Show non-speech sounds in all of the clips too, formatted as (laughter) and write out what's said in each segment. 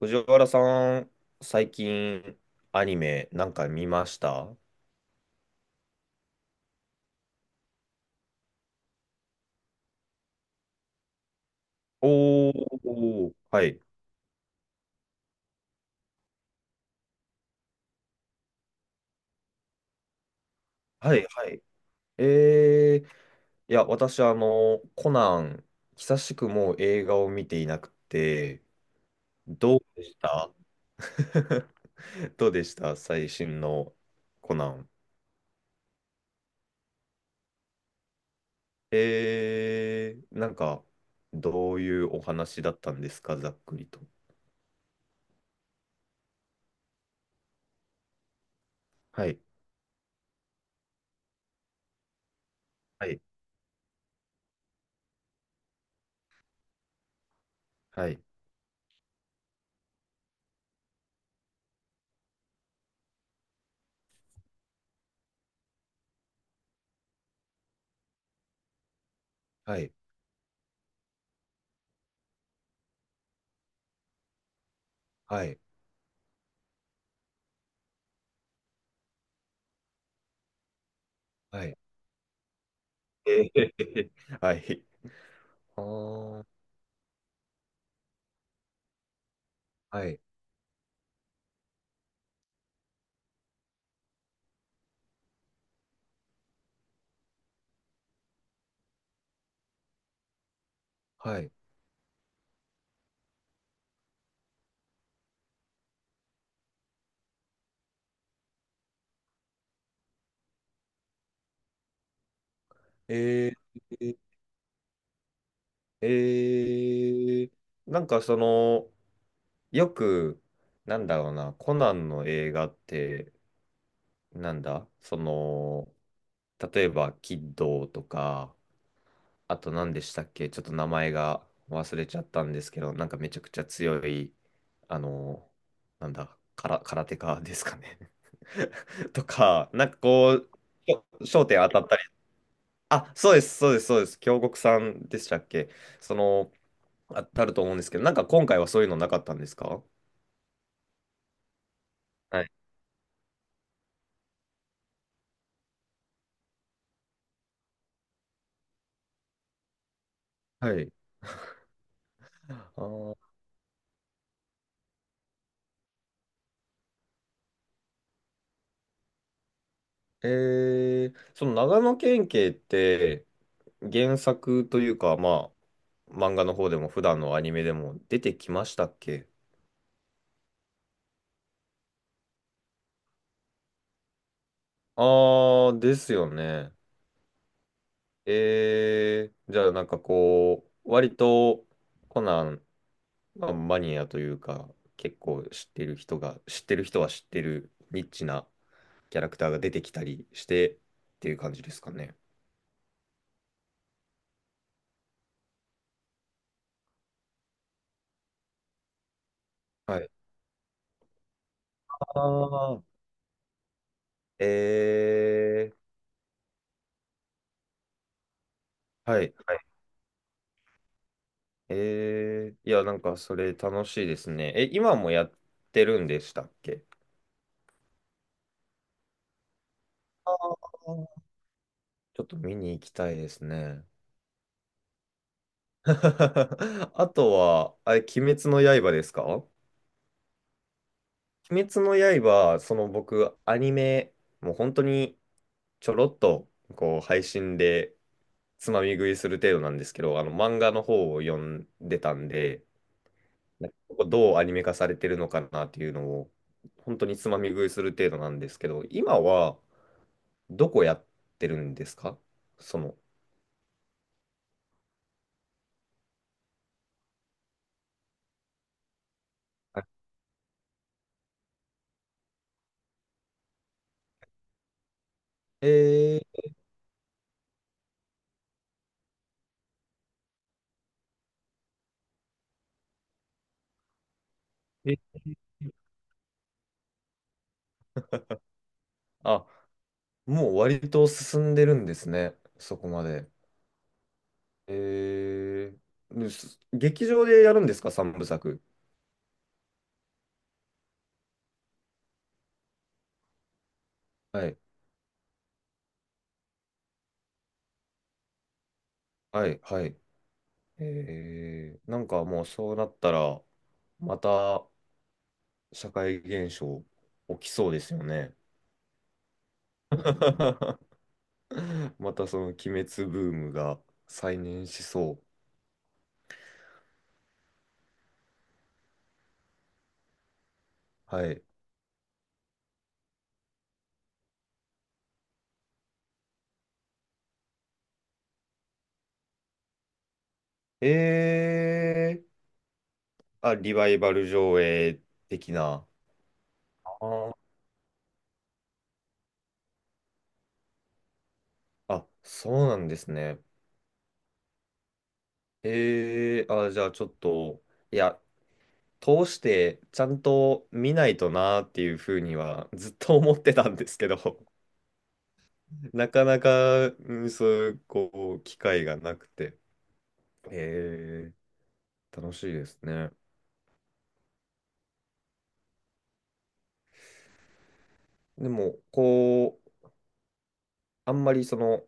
藤原さん、最近アニメなんか見ましたおー、はい。はい、はい。えー、いや、私、あの、コナン、久しくもう映画を見ていなくて。どうでした？ (laughs) どうでした、最新のコナン？なんか、どういうお話だったんですか、ざっくりと。はい、はい、はい、はい、はい、はい。えー、(laughs) はい。ああ、はい、はい。えー、えー、なんかその、よく、なんだろうな、コナンの映画って、なんだ、その、例えば、キッドーとか、あと何でしたっけ、ちょっと名前が忘れちゃったんですけど、なんかめちゃくちゃ強い、あの、なんだ、から、空手家ですかね (laughs) とか、なんかこう、焦点当たったり。あ、そうです、そうです、そうです。京極さんでしたっけ？その、あたると思うんですけど、なんか今回はそういうのなかったんですか？はい、はい。あー、その長野県警って原作というか、まあ、漫画の方でも普段のアニメでも出てきましたっけ？あー、ですよね。じゃあなんかこう、割とコナン、まあマニアというか、結構知ってる人が、知ってる人は知ってるニッチなキャラクターが出てきたりしてっていう感じですかね。はい。ああ、えはい、はい。いや、なんかそれ楽しいですね。え、今もやってるんでしたっけ？あー、ちょっと見に行きたいですね。(laughs) あとは、あれ、鬼滅の刃ですか？鬼滅の刃、その僕、アニメ、もう本当にちょろっと、こう、配信でつまみ食いする程度なんですけど、あの、漫画の方を読んでたんで、なんかここどうアニメ化されてるのかなっていうのを、本当につまみ食いする程度なんですけど、今はどこやってるんですか、その。あえー、えあ、もう割と進んでるんですね、そこまで。えです、劇場でやるんですか、三部作？はい、はい、はい。なんかもうそうなったら、また社会現象起きそうですよね。(laughs) (laughs) またその鬼滅ブームが再燃しそう。はい。えー、あ、リバイバル上映的な。あー、あそうなんですね。あ、じゃあちょっと、いや、通してちゃんと見ないとなーっていうふうにはずっと思ってたんですけど、(laughs) なかなか、うんそういう、こう、機会がなくて。え楽しいですね。でも、こう、あんまりその、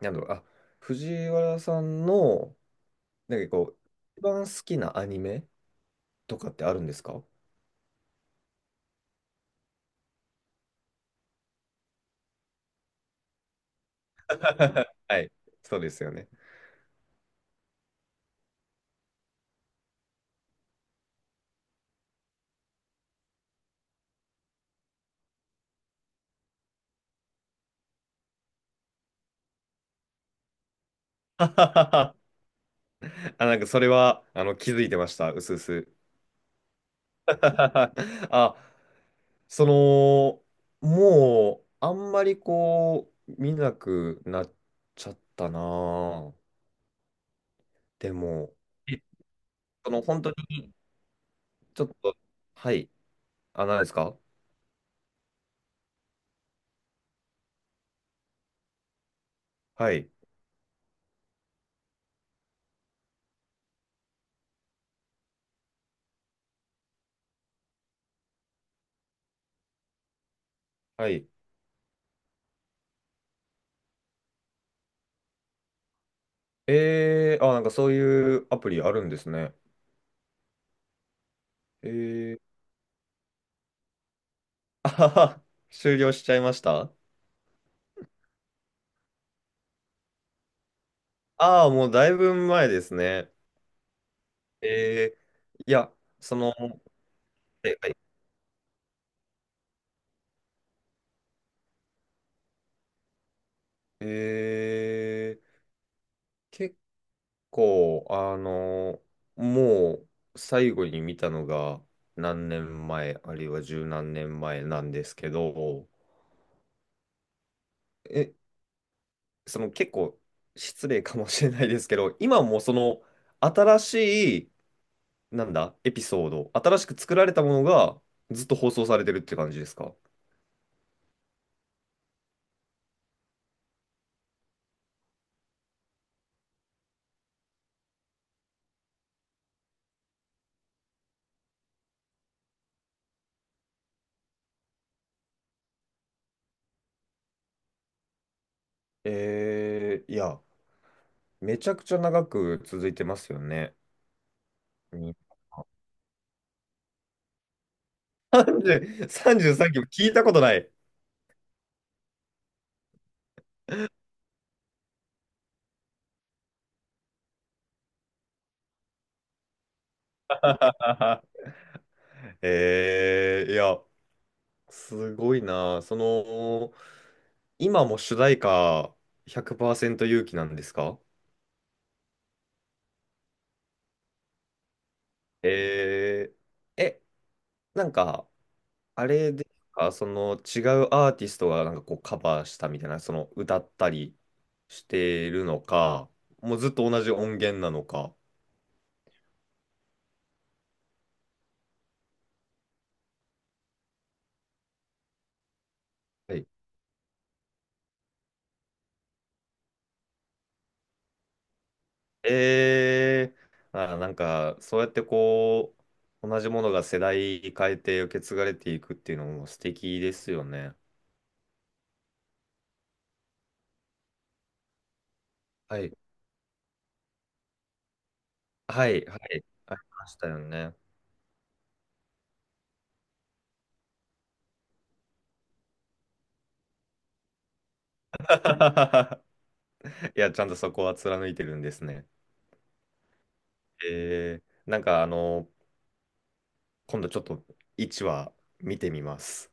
なんだろう、あ、藤原さんの、なんかこう、一番好きなアニメとかってあるんですか？ (laughs) はい、そうですよね。(laughs) あ、なんかそれは、あの、気づいてました、うすうす。(laughs) あ、その、もう、あんまりこう、見なくなっちゃったなぁ。でも、えその、本当に、ちょっと、はい、あ、何ですか？はい、はい。あ、なんかそういうアプリあるんですね。えー、(laughs) あはは、終了しちゃいましたああ、もうだいぶ前ですね。えいや、その、はい、はい、えー、結構、あの、もう最後に見たのが何年前、あるいは十何年前なんですけど、え、その結構失礼かもしれないですけど、今もその新しい、なんだ、エピソード、新しく作られたものがずっと放送されてるって感じですか？いや、めちゃくちゃ長く続いてますよね。に30、 33期も聞いたことない。(laughs) あはいや、すごいな。その、今も主題歌100%勇気なんですか？えー、え、なんか、あれですか、その違うアーティストがなんかこうカバーしたみたいな、その歌ったりしてるのか、もうずっと同じ音源なのか。はい、ええ、あー、なんか、そうやってこう、同じものが世代変えて受け継がれていくっていうのも素敵ですよね。はい。はい、はい、ありましたよね。(laughs) いや、ちゃんとそこは貫いてるんですね。えなんかあの、今度ちょっと1話見てみます。